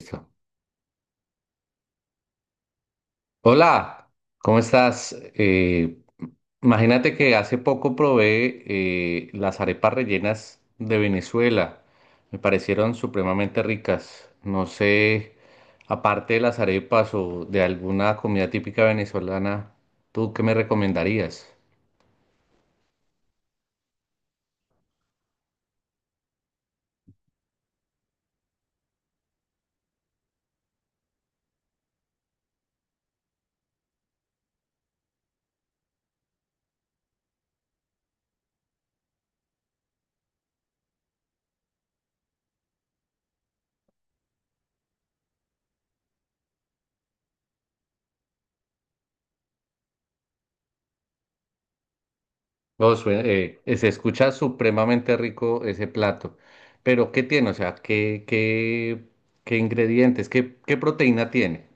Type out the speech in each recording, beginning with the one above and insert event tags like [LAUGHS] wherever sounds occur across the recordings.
Listo. Hola, ¿cómo estás? Imagínate que hace poco probé las arepas rellenas de Venezuela. Me parecieron supremamente ricas. No sé, aparte de las arepas o de alguna comida típica venezolana, ¿tú qué me recomendarías? No, se escucha supremamente rico ese plato, pero ¿qué tiene? O sea, ¿qué ingredientes, qué proteína tiene?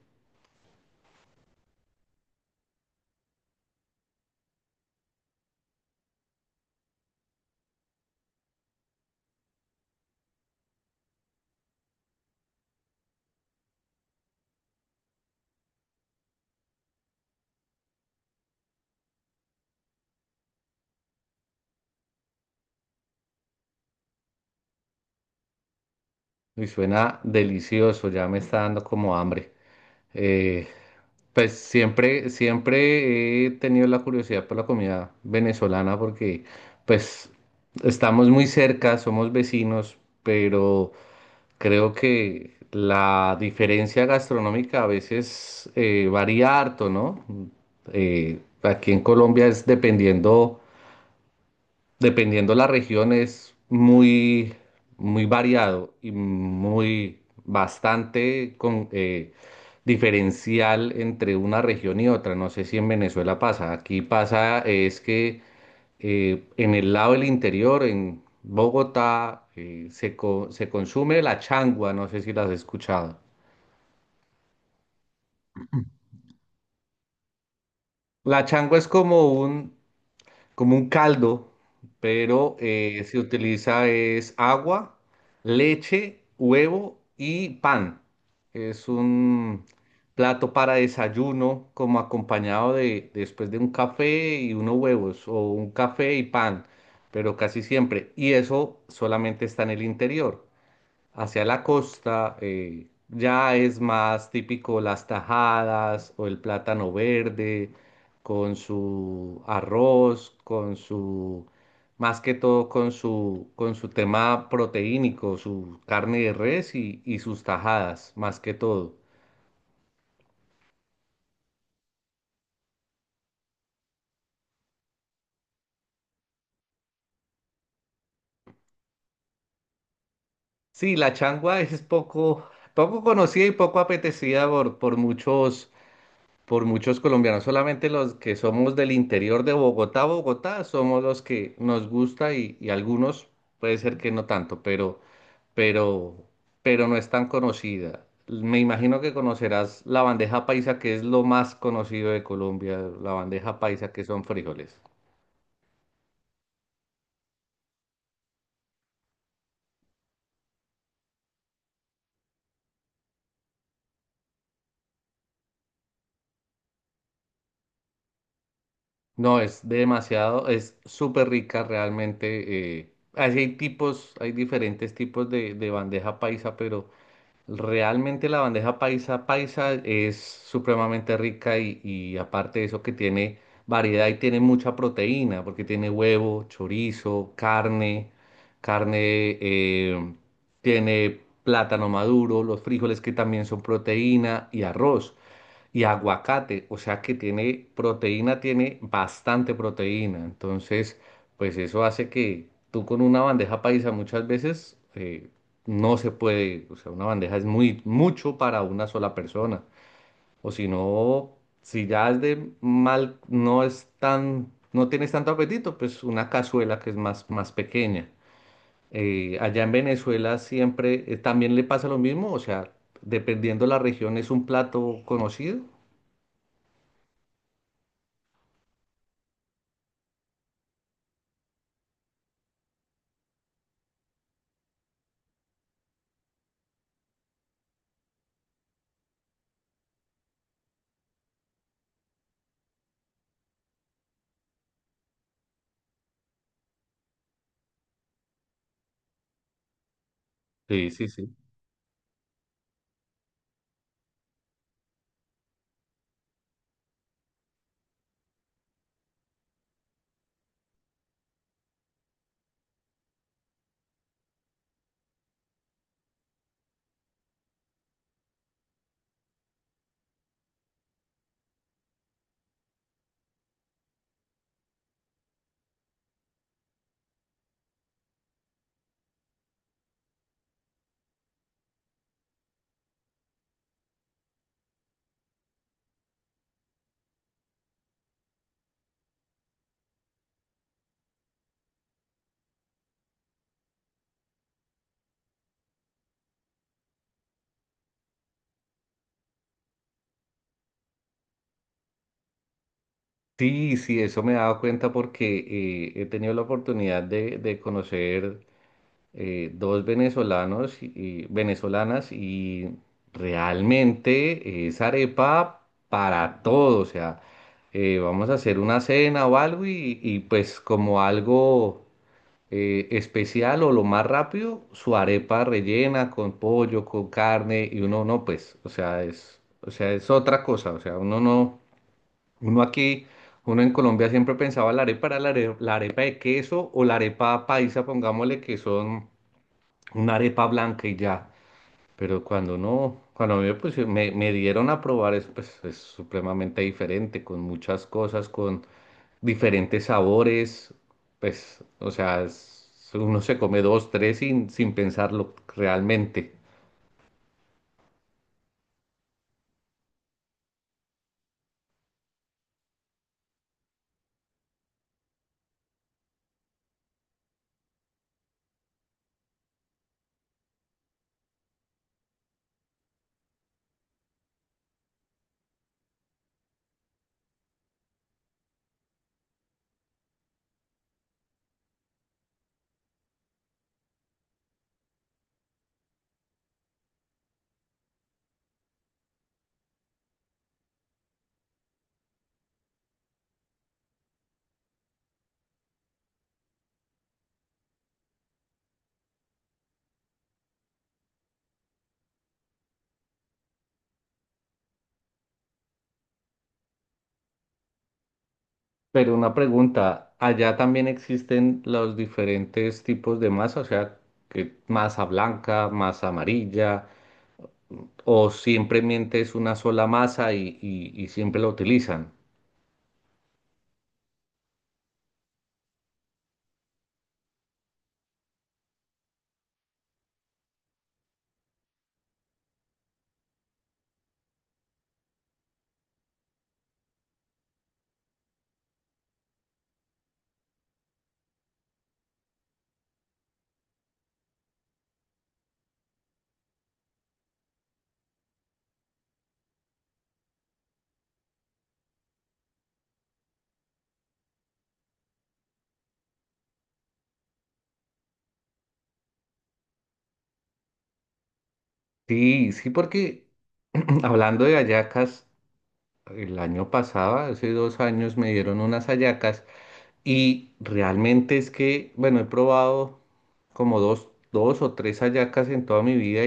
Y suena delicioso, ya me está dando como hambre. Eh, pues siempre he tenido la curiosidad por la comida venezolana porque pues estamos muy cerca, somos vecinos, pero creo que la diferencia gastronómica a veces varía harto, ¿no? Aquí en Colombia es dependiendo la región, es muy, muy variado y muy bastante con, diferencial entre una región y otra. No sé si en Venezuela pasa. Aquí pasa es que en el lado del interior, en Bogotá, se consume la changua. No sé si las has escuchado. La changua es como un caldo, pero se utiliza es agua, leche, huevo y pan. Es un plato para desayuno, como acompañado de después de un café y unos huevos, o un café y pan, pero casi siempre. Y eso solamente está en el interior. Hacia la costa ya es más típico las tajadas o el plátano verde con su arroz, más que todo con su tema proteínico, su carne de res y sus tajadas, más que todo. Sí, la changua es poco conocida y poco apetecida por muchos colombianos, solamente los que somos del interior de Bogotá, somos los que nos gusta y algunos puede ser que no tanto, pero, pero no es tan conocida. Me imagino que conocerás la bandeja paisa, que es lo más conocido de Colombia, la bandeja paisa, que son frijoles. No, es demasiado, es súper rica realmente. Así hay tipos, hay diferentes tipos de bandeja paisa, pero realmente la bandeja paisa es supremamente rica y aparte de eso que tiene variedad y tiene mucha proteína, porque tiene huevo, chorizo, carne, eh, tiene plátano maduro, los frijoles que también son proteína y arroz y aguacate, o sea que tiene proteína, tiene bastante proteína. Entonces, pues eso hace que tú con una bandeja paisa muchas veces no se puede, o sea, una bandeja es muy mucho para una sola persona. O si no, si ya es de mal, no es tan, no tienes tanto apetito, pues una cazuela que es más, más pequeña. Allá en Venezuela siempre también le pasa lo mismo, o sea, dependiendo la región es un plato conocido. Sí, sí, sí. Sí, sí, eso me he dado cuenta porque he tenido la oportunidad de conocer dos venezolanos y venezolanas y realmente es arepa para todo. O sea, vamos a hacer una cena o algo y pues como algo especial o lo más rápido, su arepa rellena con pollo, con carne y uno no, pues, o sea, es otra cosa. O sea, uno no. Uno aquí, uno en Colombia siempre pensaba la arepa era la arepa, de queso o la arepa paisa, pongámosle que son una arepa blanca y ya. Pero cuando no, cuando a mí me dieron a probar eso, pues es supremamente diferente, con muchas cosas, con diferentes sabores, pues, o sea, uno se come dos, tres sin pensarlo realmente. Pero una pregunta, ¿allá también existen los diferentes tipos de masa? O sea, que masa blanca, masa amarilla, o simplemente es una sola masa y siempre la utilizan. Sí, sí, porque [CLEARS THROAT] hablando de hallacas, el año pasado, hace 2 años, me dieron unas hallacas y realmente es que, bueno, he probado como dos o tres hallacas en toda mi vida.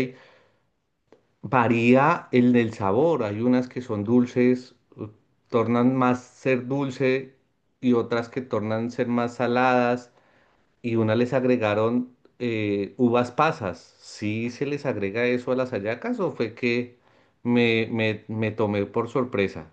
Varía el del sabor. Hay unas que son dulces, tornan más ser dulce y otras que tornan ser más saladas. Y una les agregaron uvas pasas. ¿Sí se les agrega eso a las hallacas o fue que me tomé por sorpresa?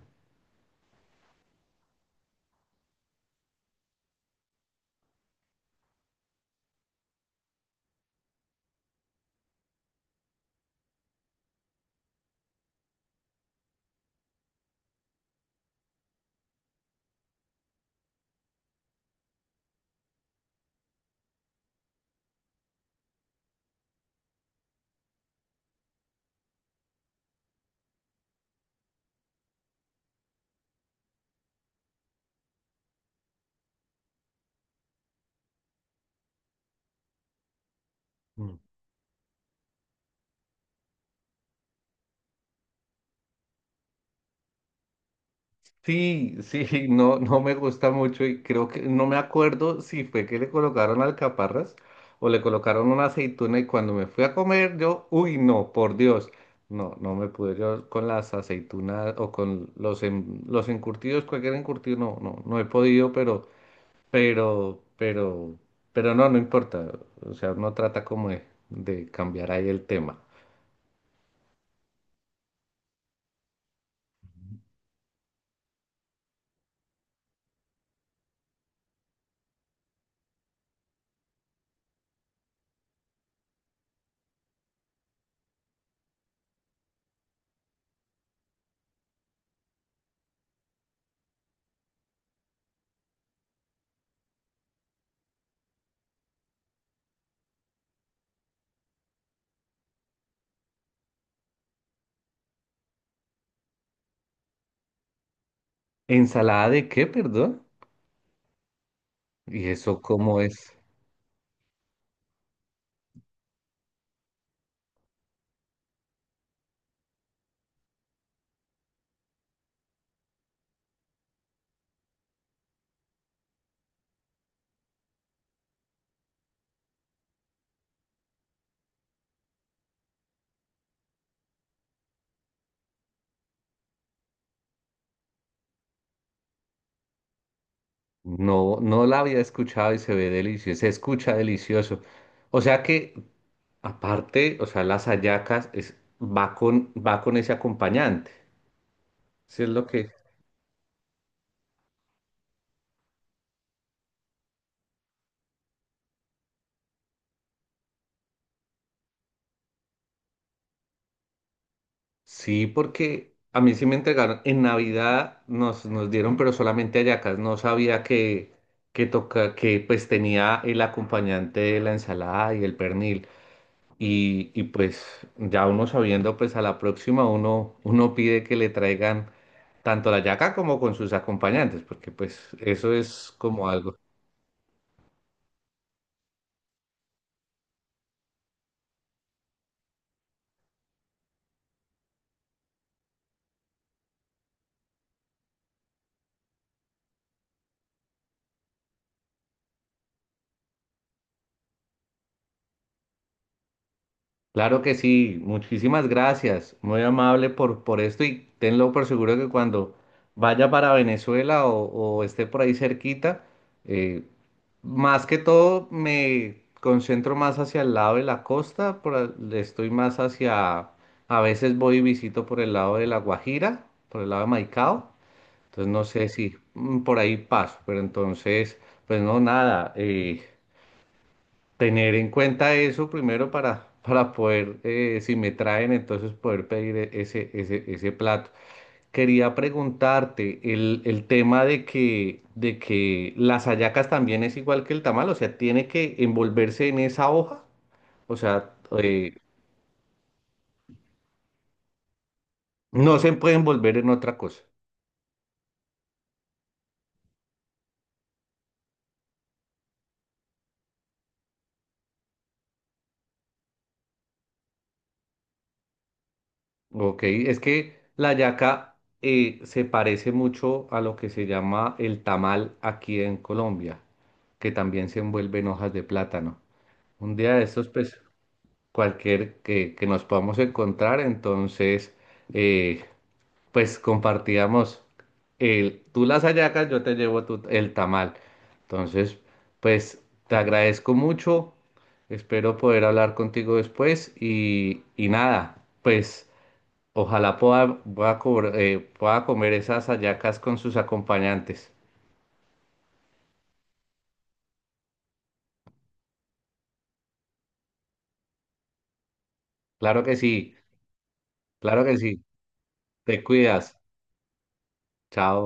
Sí, sí, [LAUGHS] no, no me gusta mucho y creo que no me acuerdo si fue que le colocaron alcaparras o le colocaron una aceituna y cuando me fui a comer yo, uy, no, por Dios, no, no me pude yo con las aceitunas o con los encurtidos, cualquier encurtido, no, no, no he podido, pero, pero, pero no, no importa, o sea, uno trata como de cambiar ahí el tema. ¿Ensalada de qué, perdón? ¿Y eso cómo es? No, no la había escuchado y se ve delicioso, se escucha delicioso. O sea que, aparte, o sea, las hallacas va con ese acompañante. Sí, es lo que. Sí, porque a mí sí me entregaron. En Navidad nos dieron, pero solamente hallacas. No sabía que pues tenía el acompañante de la ensalada y el pernil. Y pues ya uno sabiendo, pues a la próxima uno pide que le traigan tanto la yaca como con sus acompañantes, porque pues eso es como algo. Claro que sí, muchísimas gracias, muy amable por esto y tenlo por seguro que cuando vaya para Venezuela o esté por ahí cerquita, eh, más que todo me concentro más hacia el lado de la costa, estoy más hacia, a veces voy y visito por el lado de La Guajira, por el lado de Maicao, entonces no sé si por ahí paso, pero entonces, pues no, nada. Tener en cuenta eso primero para poder, si me traen, entonces poder pedir ese plato. Quería preguntarte el tema de que las hallacas también es igual que el tamal, o sea, tiene que envolverse en esa hoja, o sea, no se puede envolver en otra cosa, ¿ok? Es que la hallaca se parece mucho a lo que se llama el tamal aquí en Colombia, que también se envuelve en hojas de plátano. Un día de estos, pues, cualquier que nos podamos encontrar, entonces, eh, pues compartíamos tú las hallacas, yo te llevo el tamal. Entonces, pues, te agradezco mucho, espero poder hablar contigo después y nada, pues, ojalá pueda comer esas hallacas con sus acompañantes. Claro que sí, claro que sí, te cuidas, chao.